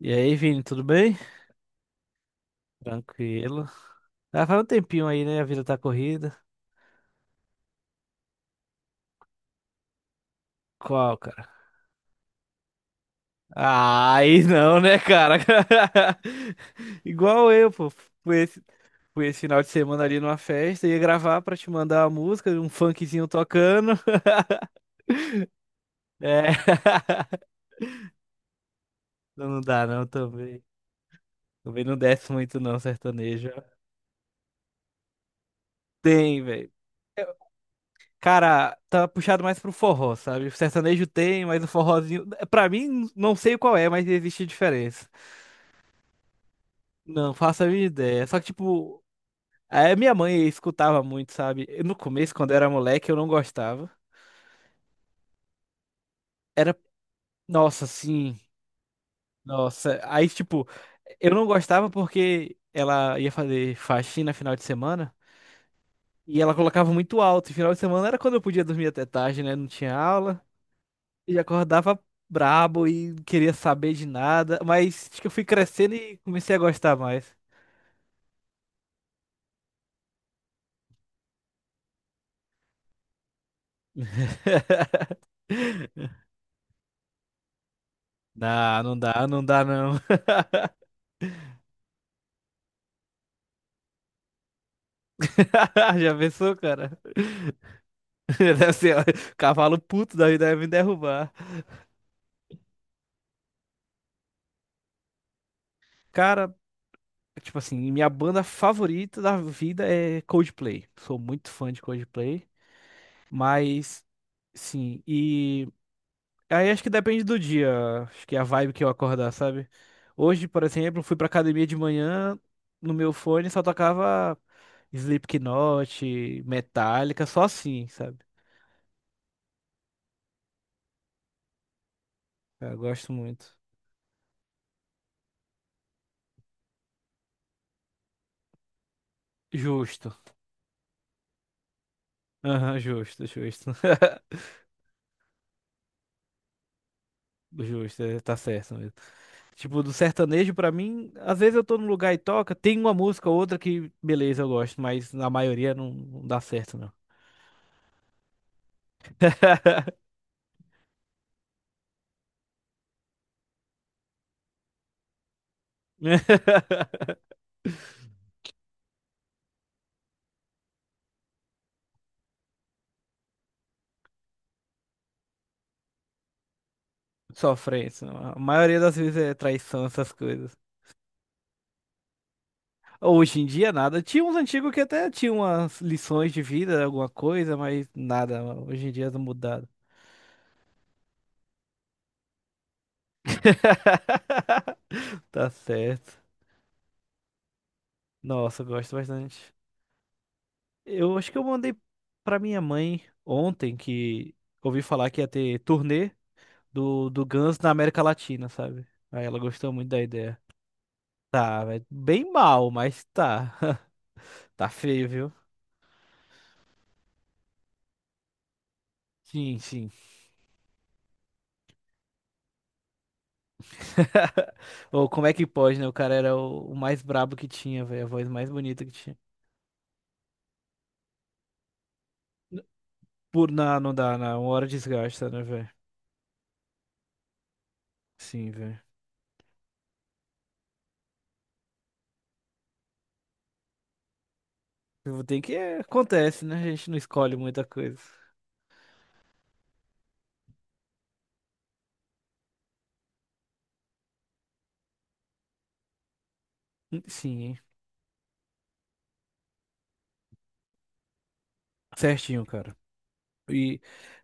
E aí, Vini, tudo bem? Tranquilo. Ah, faz um tempinho aí, né? A vida tá corrida. Qual, cara? Ah, aí não, né, cara? Igual eu, pô. Fui esse, fui esse final de semana ali numa festa, ia gravar pra te mandar a música, um funkzinho tocando. É. Não dá, não, também. Também não desce muito, não, sertanejo. Tem, velho. Cara, tá puxado mais pro forró, sabe? O sertanejo tem, mas o forrozinho. Pra mim, não sei qual é, mas existe diferença. Não faço a minha ideia. Só que, tipo, a minha mãe escutava muito, sabe? No começo, quando eu era moleque, eu não gostava. Era, nossa, sim, nossa. Aí, tipo, eu não gostava porque ela ia fazer faxina final de semana e ela colocava muito alto. E final de semana era quando eu podia dormir até tarde, né? Não tinha aula. E acordava brabo e não queria saber de nada. Mas acho que eu fui crescendo e comecei a gostar mais. Não, não dá, não dá, não. Já pensou, cara? Deve ser, ó, cavalo puto da vida deve me derrubar. Cara, tipo assim, minha banda favorita da vida é Coldplay. Sou muito fã de Coldplay, mas sim, e aí acho que depende do dia, acho que é a vibe que eu acordar, sabe? Hoje, por exemplo, fui pra academia de manhã, no meu fone só tocava Slipknot, Metallica, só assim, sabe? Eu gosto muito. Justo. Aham, justo, justo. Justo, é, tá certo mesmo. Tipo, do sertanejo, pra mim, às vezes eu tô num lugar e toca, tem uma música ou outra que, beleza, eu gosto, mas na maioria não, não dá certo, não. Sofrência. A maioria das vezes é traição, essas coisas. Hoje em dia, nada. Tinha uns antigos que até tinham umas lições de vida, alguma coisa, mas nada. Hoje em dia, tá mudado. Tá certo. Nossa, eu gosto bastante. Eu acho que eu mandei pra minha mãe ontem que ouvi falar que ia ter turnê do Guns na América Latina, sabe? Aí ela gostou muito da ideia. Tá, bem mal, mas tá. Tá feio, viu? Sim, sim. Ou como é que pode, né? O cara era o mais brabo que tinha, velho. A voz mais bonita que tinha. Não dá, na uma hora desgasta, né, velho? Sim, velho. Eu vou ter que. Acontece, né? A gente não escolhe muita coisa. Sim, hein? Certinho, cara. E,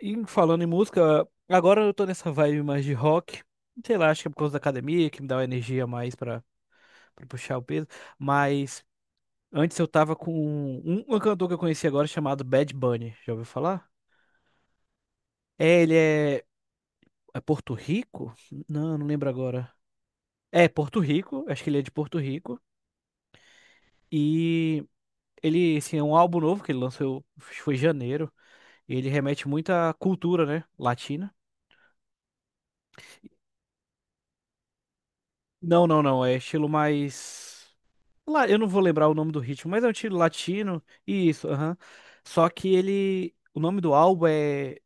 e falando em música, agora eu tô nessa vibe mais de rock. Sei lá, acho que é por causa da academia que me dá uma energia mais pra puxar o peso. Mas antes eu tava com um cantor que eu conheci agora chamado Bad Bunny. Já ouviu falar? É, ele é. É Porto Rico? Não, não lembro agora. É, Porto Rico, acho que ele é de Porto Rico. E ele, assim, é um álbum novo que ele lançou, acho que foi em janeiro. E ele remete muito à cultura, né? Latina. Não, não, não. É estilo mais. Lá, eu não vou lembrar o nome do ritmo, mas é um estilo latino. Isso, aham. Só que ele. O nome do álbum é.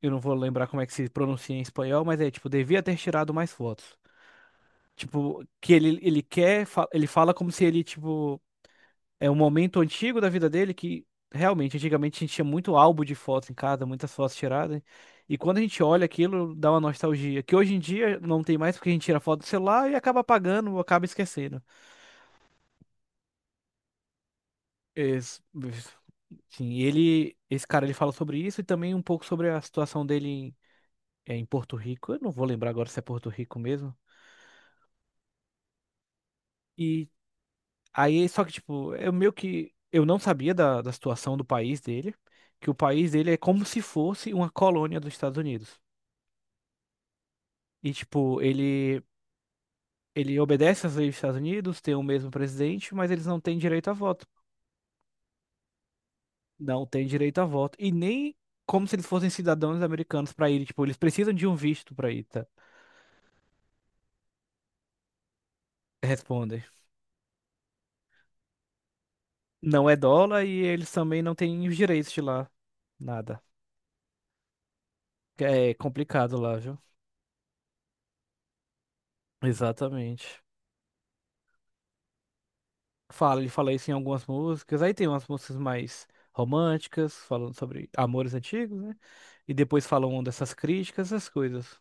Eu não vou lembrar como é que se pronuncia em espanhol, mas é tipo, devia ter tirado mais fotos. Tipo, que ele quer. Ele fala como se ele, tipo. É um momento antigo da vida dele que realmente, antigamente a gente tinha muito álbum de fotos em casa, muitas fotos tiradas. E quando a gente olha aquilo, dá uma nostalgia. Que hoje em dia não tem mais porque a gente tira foto do celular e acaba apagando, ou acaba esquecendo. Esse- sim, esse cara, ele fala sobre isso e também um pouco sobre a situação dele em Porto Rico. Eu não vou lembrar agora se é Porto Rico mesmo. E aí, só que, tipo, eu meio que, eu não sabia da situação do país dele, que o país dele é como se fosse uma colônia dos Estados Unidos. E, tipo, ele obedece às leis dos Estados Unidos, tem o mesmo presidente, mas eles não têm direito a voto. Não têm direito a voto. E nem como se eles fossem cidadãos americanos para ir. Tipo, eles precisam de um visto para ir, tá? Respondem. Não é dólar e eles também não têm os direitos de lá. Nada. É complicado lá, viu? Exatamente. Fala, ele fala isso em algumas músicas. Aí tem umas músicas mais românticas, falando sobre amores antigos, né? E depois falam dessas críticas, essas coisas.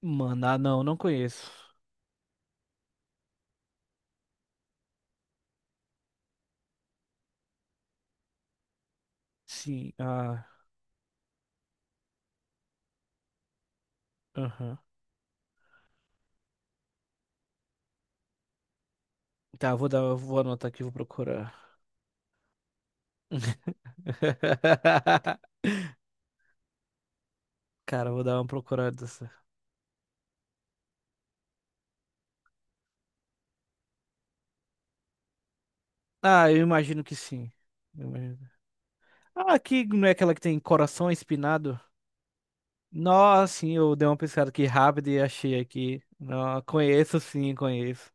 Mano, ah, não, não conheço. Sim, ah, aham. Tá, vou dar, vou anotar aqui, vou procurar. Cara, vou dar uma procurada. Dessa. Ah, eu imagino que sim. Eu imagino Ah, aqui não é aquela que tem coração espinado? Nossa, sim, eu dei uma pesquisada aqui rápida e achei aqui. Não, conheço sim, conheço.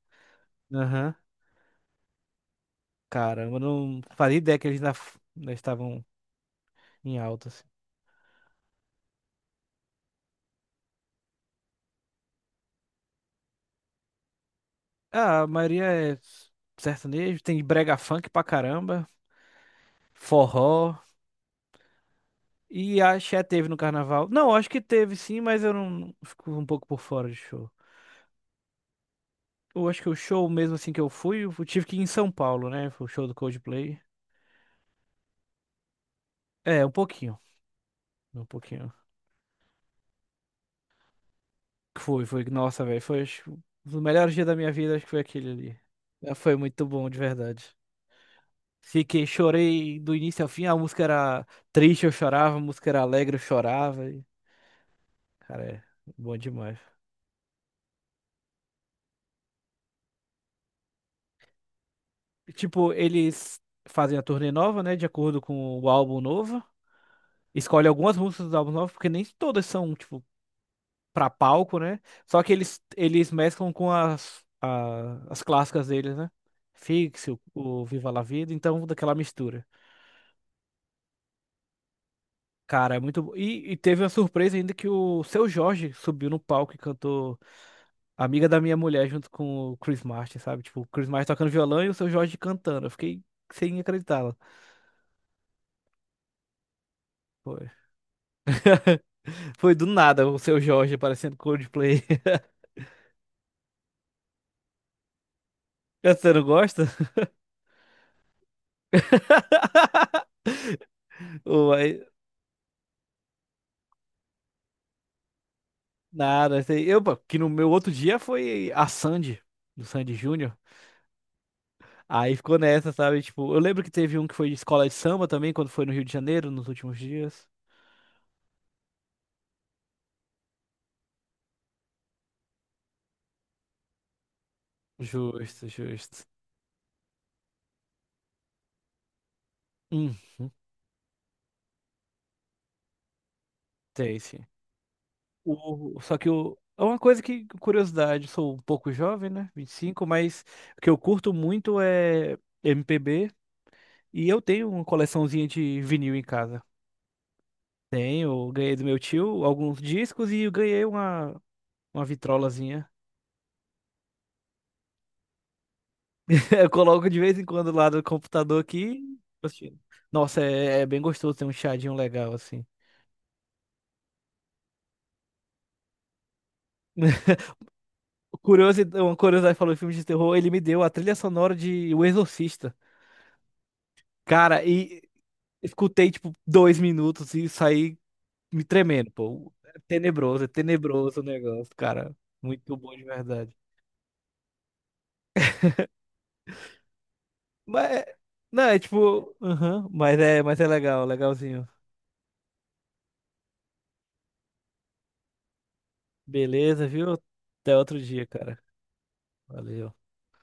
Aham. Caramba, eu não fazia ideia que eles ainda estavam em alta, assim. Ah, a maioria é sertanejo, tem brega funk pra caramba, forró. E axé teve no carnaval. Não, acho que teve sim, mas eu não fico um pouco por fora de show. Eu acho que o show mesmo assim que eu fui, eu tive que ir em São Paulo, né? Foi o show do Coldplay. É, um pouquinho, um pouquinho. Foi. Nossa, velho. Foi acho que, um dos melhores dias da minha vida, acho que foi aquele ali. É, foi muito bom, de verdade. Fiquei, chorei do início ao fim. A música era triste, eu chorava. A música era alegre, eu chorava. E, cara, é bom demais. E, tipo, eles fazem a turnê nova, né? De acordo com o álbum novo. Escolhe algumas músicas dos álbuns novos, porque nem todas são, tipo, pra palco, né? Só que eles mesclam com as clássicas deles, né? O Viva La Vida, então daquela mistura. Cara, é muito bom. E teve uma surpresa ainda que o Seu Jorge subiu no palco e cantou Amiga da Minha Mulher junto com o Chris Martin, sabe? Tipo, o Chris Martin tocando violão e o Seu Jorge cantando. Eu fiquei sem acreditar. Foi, foi do nada o Seu Jorge aparecendo Coldplay. Você não gosta? Ou aí- Nada, sei. Eu, pô, que no meu outro dia foi a Sandy, do Sandy Júnior. Aí ficou nessa, sabe? Tipo, eu lembro que teve um que foi de escola de samba também, quando foi no Rio de Janeiro, nos últimos dias. Justo, justo. Tem, sim. Só que é uma coisa que, curiosidade, sou um pouco jovem, né? 25. Mas o que eu curto muito é MPB e eu tenho uma coleçãozinha de vinil em casa. Tenho, ganhei do meu tio alguns discos e eu ganhei uma vitrolazinha. Eu coloco de vez em quando lá do computador aqui. Assistindo. Nossa, é bem gostoso ter um chadinho legal assim. Uma curiosidade falou em filme de terror, ele me deu a trilha sonora de O Exorcista. Cara, e escutei, tipo, 2 minutos e saí me tremendo, pô. É tenebroso o negócio, cara. Muito bom de verdade. Mas, não, é tipo, aham, mas é legal, legalzinho. Beleza, viu? Até outro dia, cara. Valeu.